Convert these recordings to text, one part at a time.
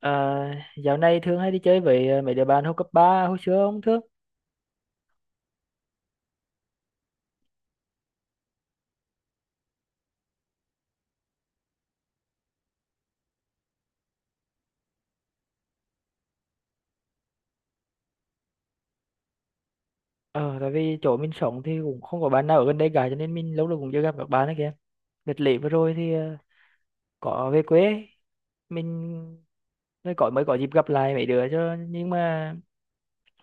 Ờ, dạo này thường hay đi chơi với mấy đứa bạn hồi cấp 3 hồi xưa không Thước? Ờ, tại vì chỗ mình sống thì cũng không có bạn nào ở gần đây cả, cho nên mình lâu lâu cũng chưa gặp các bạn ấy kìa. Đợt lễ vừa rồi thì có về quê, mình mới có dịp gặp lại mấy đứa cho, nhưng mà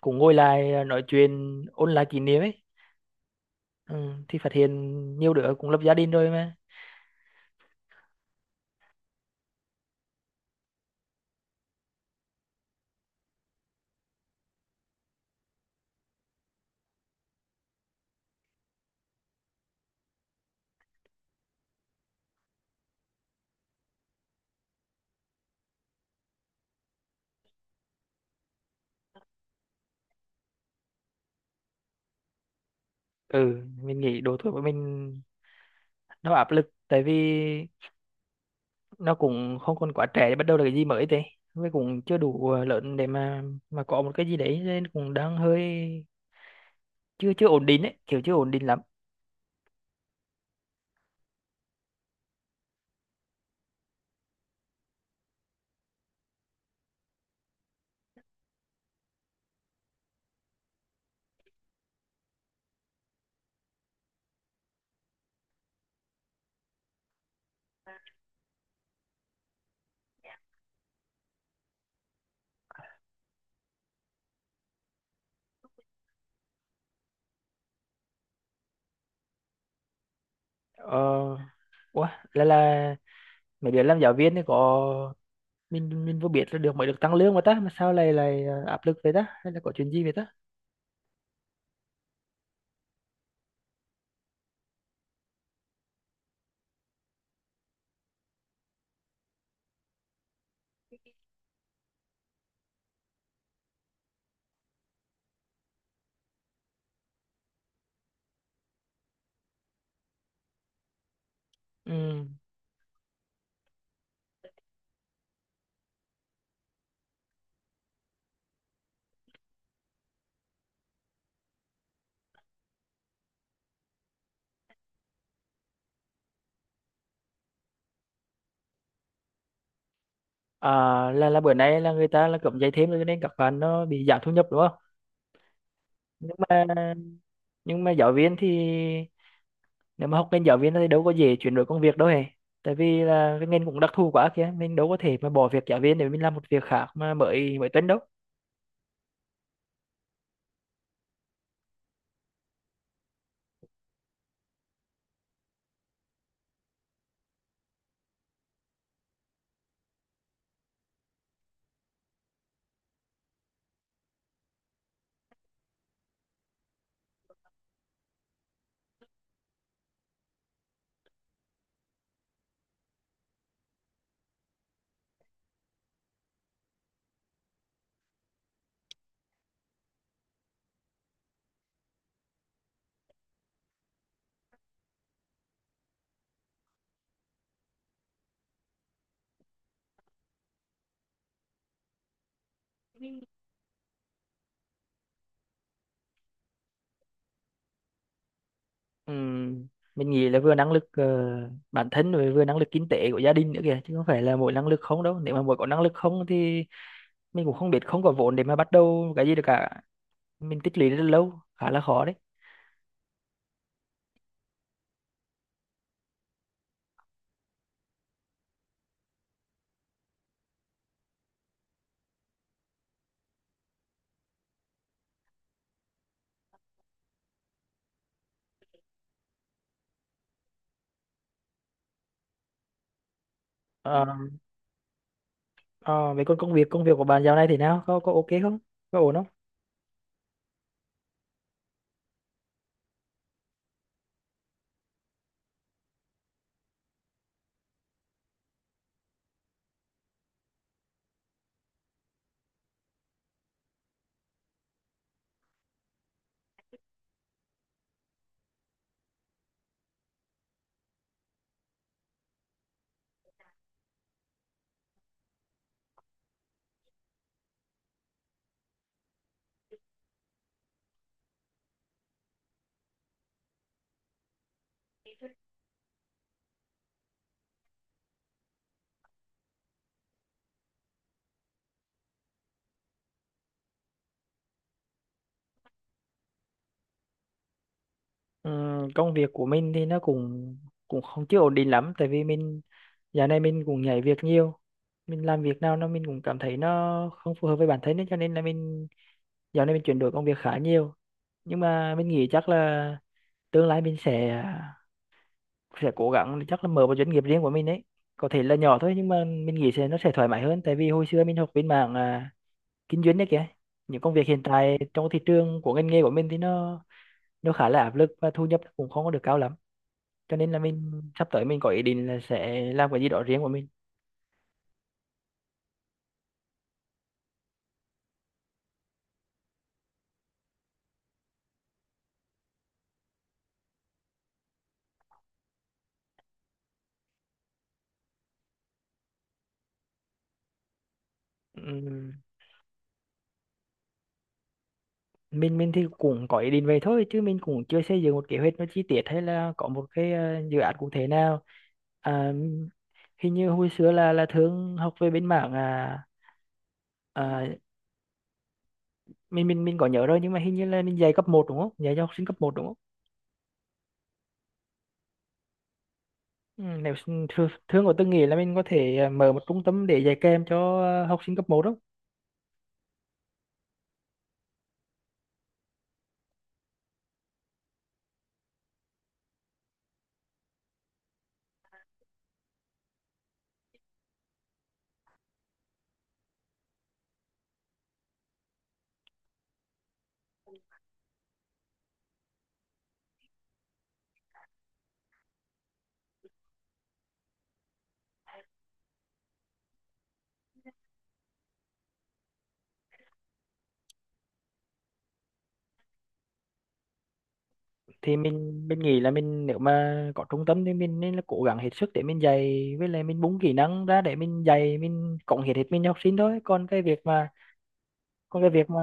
cũng ngồi lại, nói chuyện ôn lại kỷ niệm ấy. Ừ, thì phát hiện nhiều đứa cũng lập gia đình rồi mà. Ừ, mình nghĩ độ tuổi của mình nó áp lực, tại vì nó cũng không còn quá trẻ để bắt đầu là cái gì mới thế, với cũng chưa đủ lớn để mà có một cái gì đấy, nên cũng đang hơi chưa chưa ổn định ấy, kiểu chưa ổn định lắm. Ờ ủa Là mày biết làm giáo viên thì có, mình vừa biết là được mới được tăng lương mà ta, mà sao lại lại áp lực vậy ta, hay là có chuyện gì vậy ta? Ừ. À, là bữa nay là người ta là cấm dạy thêm rồi cho nên các bạn nó bị giảm thu nhập đúng không? Nhưng mà nhưng mà giáo viên thì, nếu mà học ngành giáo viên thì đâu có dễ chuyển đổi công việc đâu hề, tại vì là cái ngành cũng đặc thù quá kìa, mình đâu có thể mà bỏ việc giáo viên để mình làm một việc khác mà mới mới tính đâu. Ừm, mình nghĩ là vừa năng lực bản thân rồi vừa năng lực kinh tế của gia đình nữa kìa, chứ không phải là mỗi năng lực không đâu. Nếu mà mỗi có năng lực không thì mình cũng không biết, không có vốn để mà bắt đầu cái gì được cả. Mình tích lũy rất là lâu, khá là khó đấy. Ừ. Ờ, vậy còn công việc, công việc của bạn dạo này thế nào, có ok không, có ổn không? Công việc của mình thì nó cũng cũng không, chưa ổn định lắm, tại vì mình dạo này mình cũng nhảy việc nhiều. Mình làm việc nào nó mình cũng cảm thấy nó không phù hợp với bản thân ấy, cho nên là mình dạo này mình chuyển đổi công việc khá nhiều. Nhưng mà mình nghĩ chắc là tương lai mình sẽ cố gắng chắc là mở một doanh nghiệp riêng của mình ấy, có thể là nhỏ thôi, nhưng mà mình nghĩ sẽ nó sẽ thoải mái hơn, tại vì hồi xưa mình học bên mảng, kinh doanh đấy kìa. Những công việc hiện tại trong thị trường của ngành nghề của mình thì nó khá là áp lực và thu nhập cũng không có được cao lắm, cho nên là mình sắp tới mình có ý định là sẽ làm cái gì đó riêng của mình. Ừm, mình thì cũng có ý định vậy thôi, chứ mình cũng chưa xây dựng một kế hoạch nó chi tiết hay là có một cái dự án cụ thể nào. À, hình như hồi xưa là thương học về bên mảng, à mình có nhớ rồi, nhưng mà hình như là mình dạy cấp một đúng không, dạy cho học sinh cấp một đúng không? Nếu thương, thương có từng nghĩ là mình có thể mở một trung tâm để dạy kèm cho học sinh cấp 1 không? Thì mình nghĩ là mình, nếu mà có trung tâm thì mình nên là cố gắng hết sức để mình dạy, với lại mình bung kỹ năng ra để mình dạy, mình cống hiến hết mình cho học sinh thôi, còn cái việc mà còn cái việc mà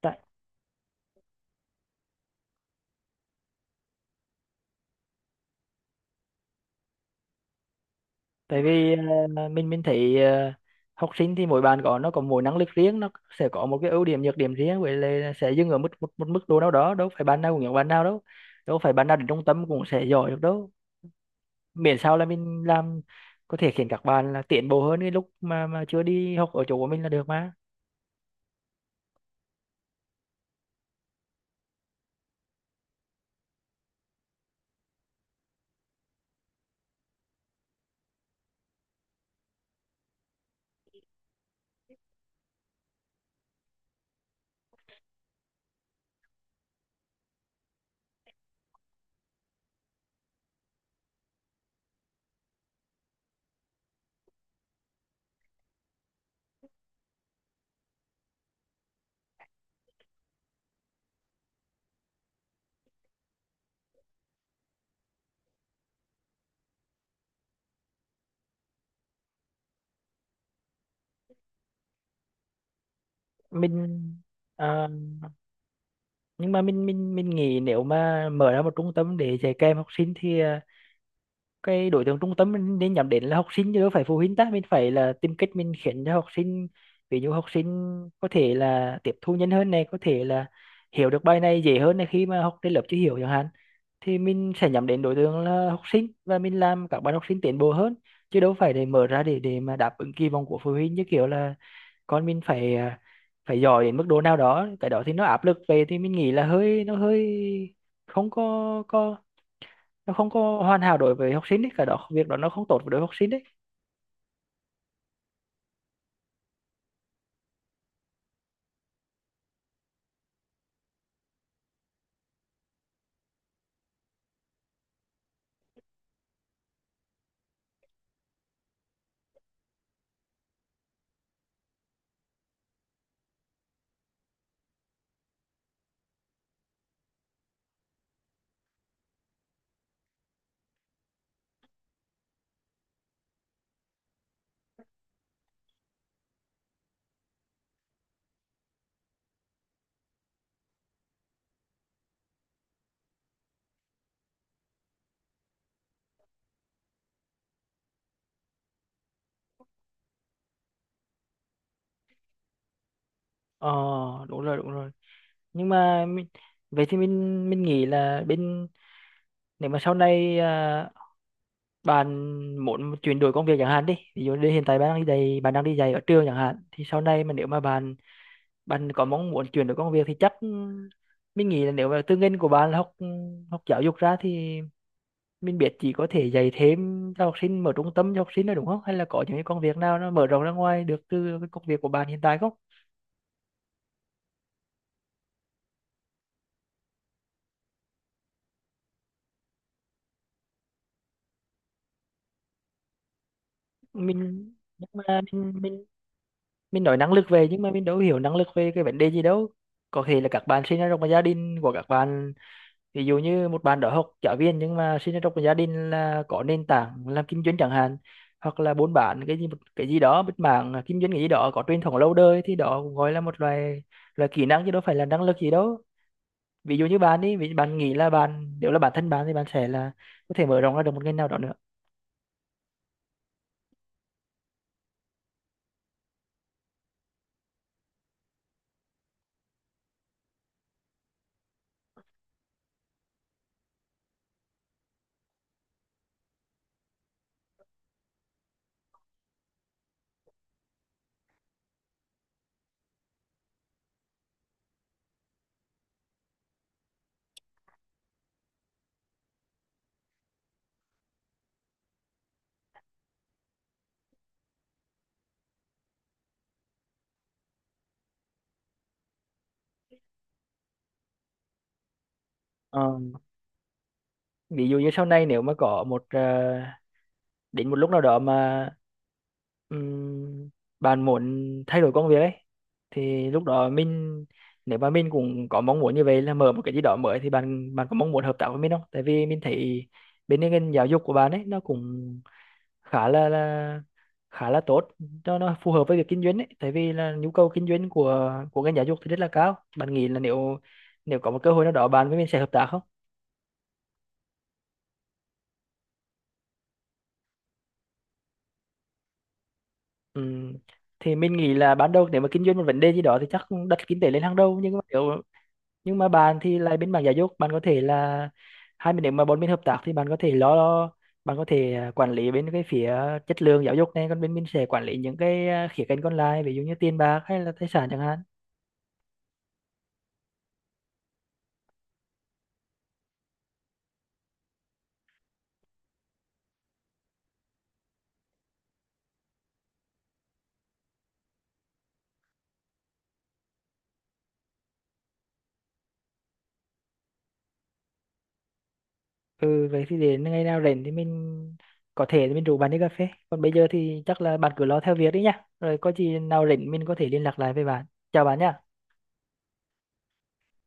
tại tại vì ờ, mình thấy, học sinh thì mỗi bạn có nó có mỗi năng lực riêng, nó sẽ có một cái ưu điểm nhược điểm riêng, với lại sẽ dừng ở mức một, một mức độ nào đó, đâu phải bạn nào cũng giống bạn nào đâu, đâu phải bạn nào đến trung tâm cũng sẽ giỏi được đâu. Miễn sao là mình làm có thể khiến các bạn là tiến bộ hơn cái lúc mà chưa đi học ở chỗ của mình là được mà. mình à, nhưng mà mình nghĩ nếu mà mở ra một trung tâm để dạy kèm học sinh thì, cái đối tượng trung tâm mình nên nhắm đến là học sinh chứ đâu phải phụ huynh ta. Mình phải là tìm cách mình khiến cho học sinh, ví dụ học sinh có thể là tiếp thu nhanh hơn này, có thể là hiểu được bài này dễ hơn này, khi mà học trên lớp chưa hiểu chẳng hạn, thì mình sẽ nhắm đến đối tượng là học sinh và mình làm các bạn học sinh tiến bộ hơn, chứ đâu phải để mở ra để mà đáp ứng kỳ vọng của phụ huynh, như kiểu là còn mình phải phải giỏi đến mức độ nào đó, cái đó thì nó áp lực về. Thì mình nghĩ là hơi nó hơi không có có, nó không có hoàn hảo đối với học sinh đấy, cái đó việc đó nó không tốt với đối với học sinh đấy. Ờ, đúng rồi, đúng rồi. Nhưng mà mình, vậy thì mình nghĩ là bên, nếu mà sau này, bạn muốn chuyển đổi công việc chẳng hạn đi, ví dụ như hiện tại bạn đang đi dạy, bạn đang đi dạy ở trường chẳng hạn, thì sau này mà nếu mà bạn bạn có mong muốn chuyển đổi công việc thì chắc, mình nghĩ là nếu mà tư ngành của bạn là học, học giáo dục ra thì mình biết chỉ có thể dạy thêm cho học sinh, mở trung tâm cho học sinh thôi đúng không, hay là có những cái công việc nào nó mở rộng ra ngoài được từ cái công việc của bạn hiện tại không? Mình nhưng mà mình mình mình nói năng lực, về nhưng mà mình đâu hiểu năng lực về cái vấn đề gì đâu. Có thể là các bạn sinh ra trong một gia đình của các bạn, ví dụ như một bạn đó học giáo viên nhưng mà sinh ra trong một gia đình là có nền tảng làm kinh doanh chẳng hạn, hoặc là buôn bán cái gì, một cái gì đó bất mảng kinh doanh cái gì đó có truyền thống lâu đời, thì đó cũng gọi là một loại loại kỹ năng, chứ đâu phải là năng lực gì đâu. Ví dụ như bạn đi, vì bạn nghĩ là bạn, nếu là bản thân bạn thì bạn sẽ là có thể mở rộng ra được một ngành nào đó nữa. Ờ, ví dụ như sau này nếu mà có một, đến một lúc nào đó mà, ừm, bạn muốn thay đổi công việc ấy, thì lúc đó mình, nếu mà mình cũng có mong muốn như vậy là mở một cái gì đó mới, thì bạn bạn có mong muốn hợp tác với mình không? Tại vì mình thấy bên ngành giáo dục của bạn ấy nó cũng khá là khá là tốt, nó phù hợp với việc kinh doanh ấy, tại vì là nhu cầu kinh doanh của ngành giáo dục thì rất là cao. Bạn nghĩ là nếu nếu có một cơ hội nào đó bạn với mình sẽ hợp tác không? Ừm, thì mình nghĩ là ban đầu nếu mà kinh doanh một vấn đề gì đó thì chắc đặt kinh tế lên hàng đầu, nhưng mà nếu nhưng mà bạn thì lại bên mảng giáo dục, bạn có thể là hai bên, nếu mà bốn bên hợp tác thì bạn có thể lo lo- bạn có thể quản lý bên cái phía chất lượng giáo dục này, còn bên mình sẽ quản lý những cái khía cạnh còn lại, ví dụ như tiền bạc hay là tài sản chẳng hạn. Ừ, vậy thì đến ngày nào rảnh thì mình, có thể thì mình rủ bạn đi cà phê, còn bây giờ thì chắc là bạn cứ lo theo việc đi nhá, rồi có gì nào rảnh mình có thể liên lạc lại với bạn. Chào bạn nhá.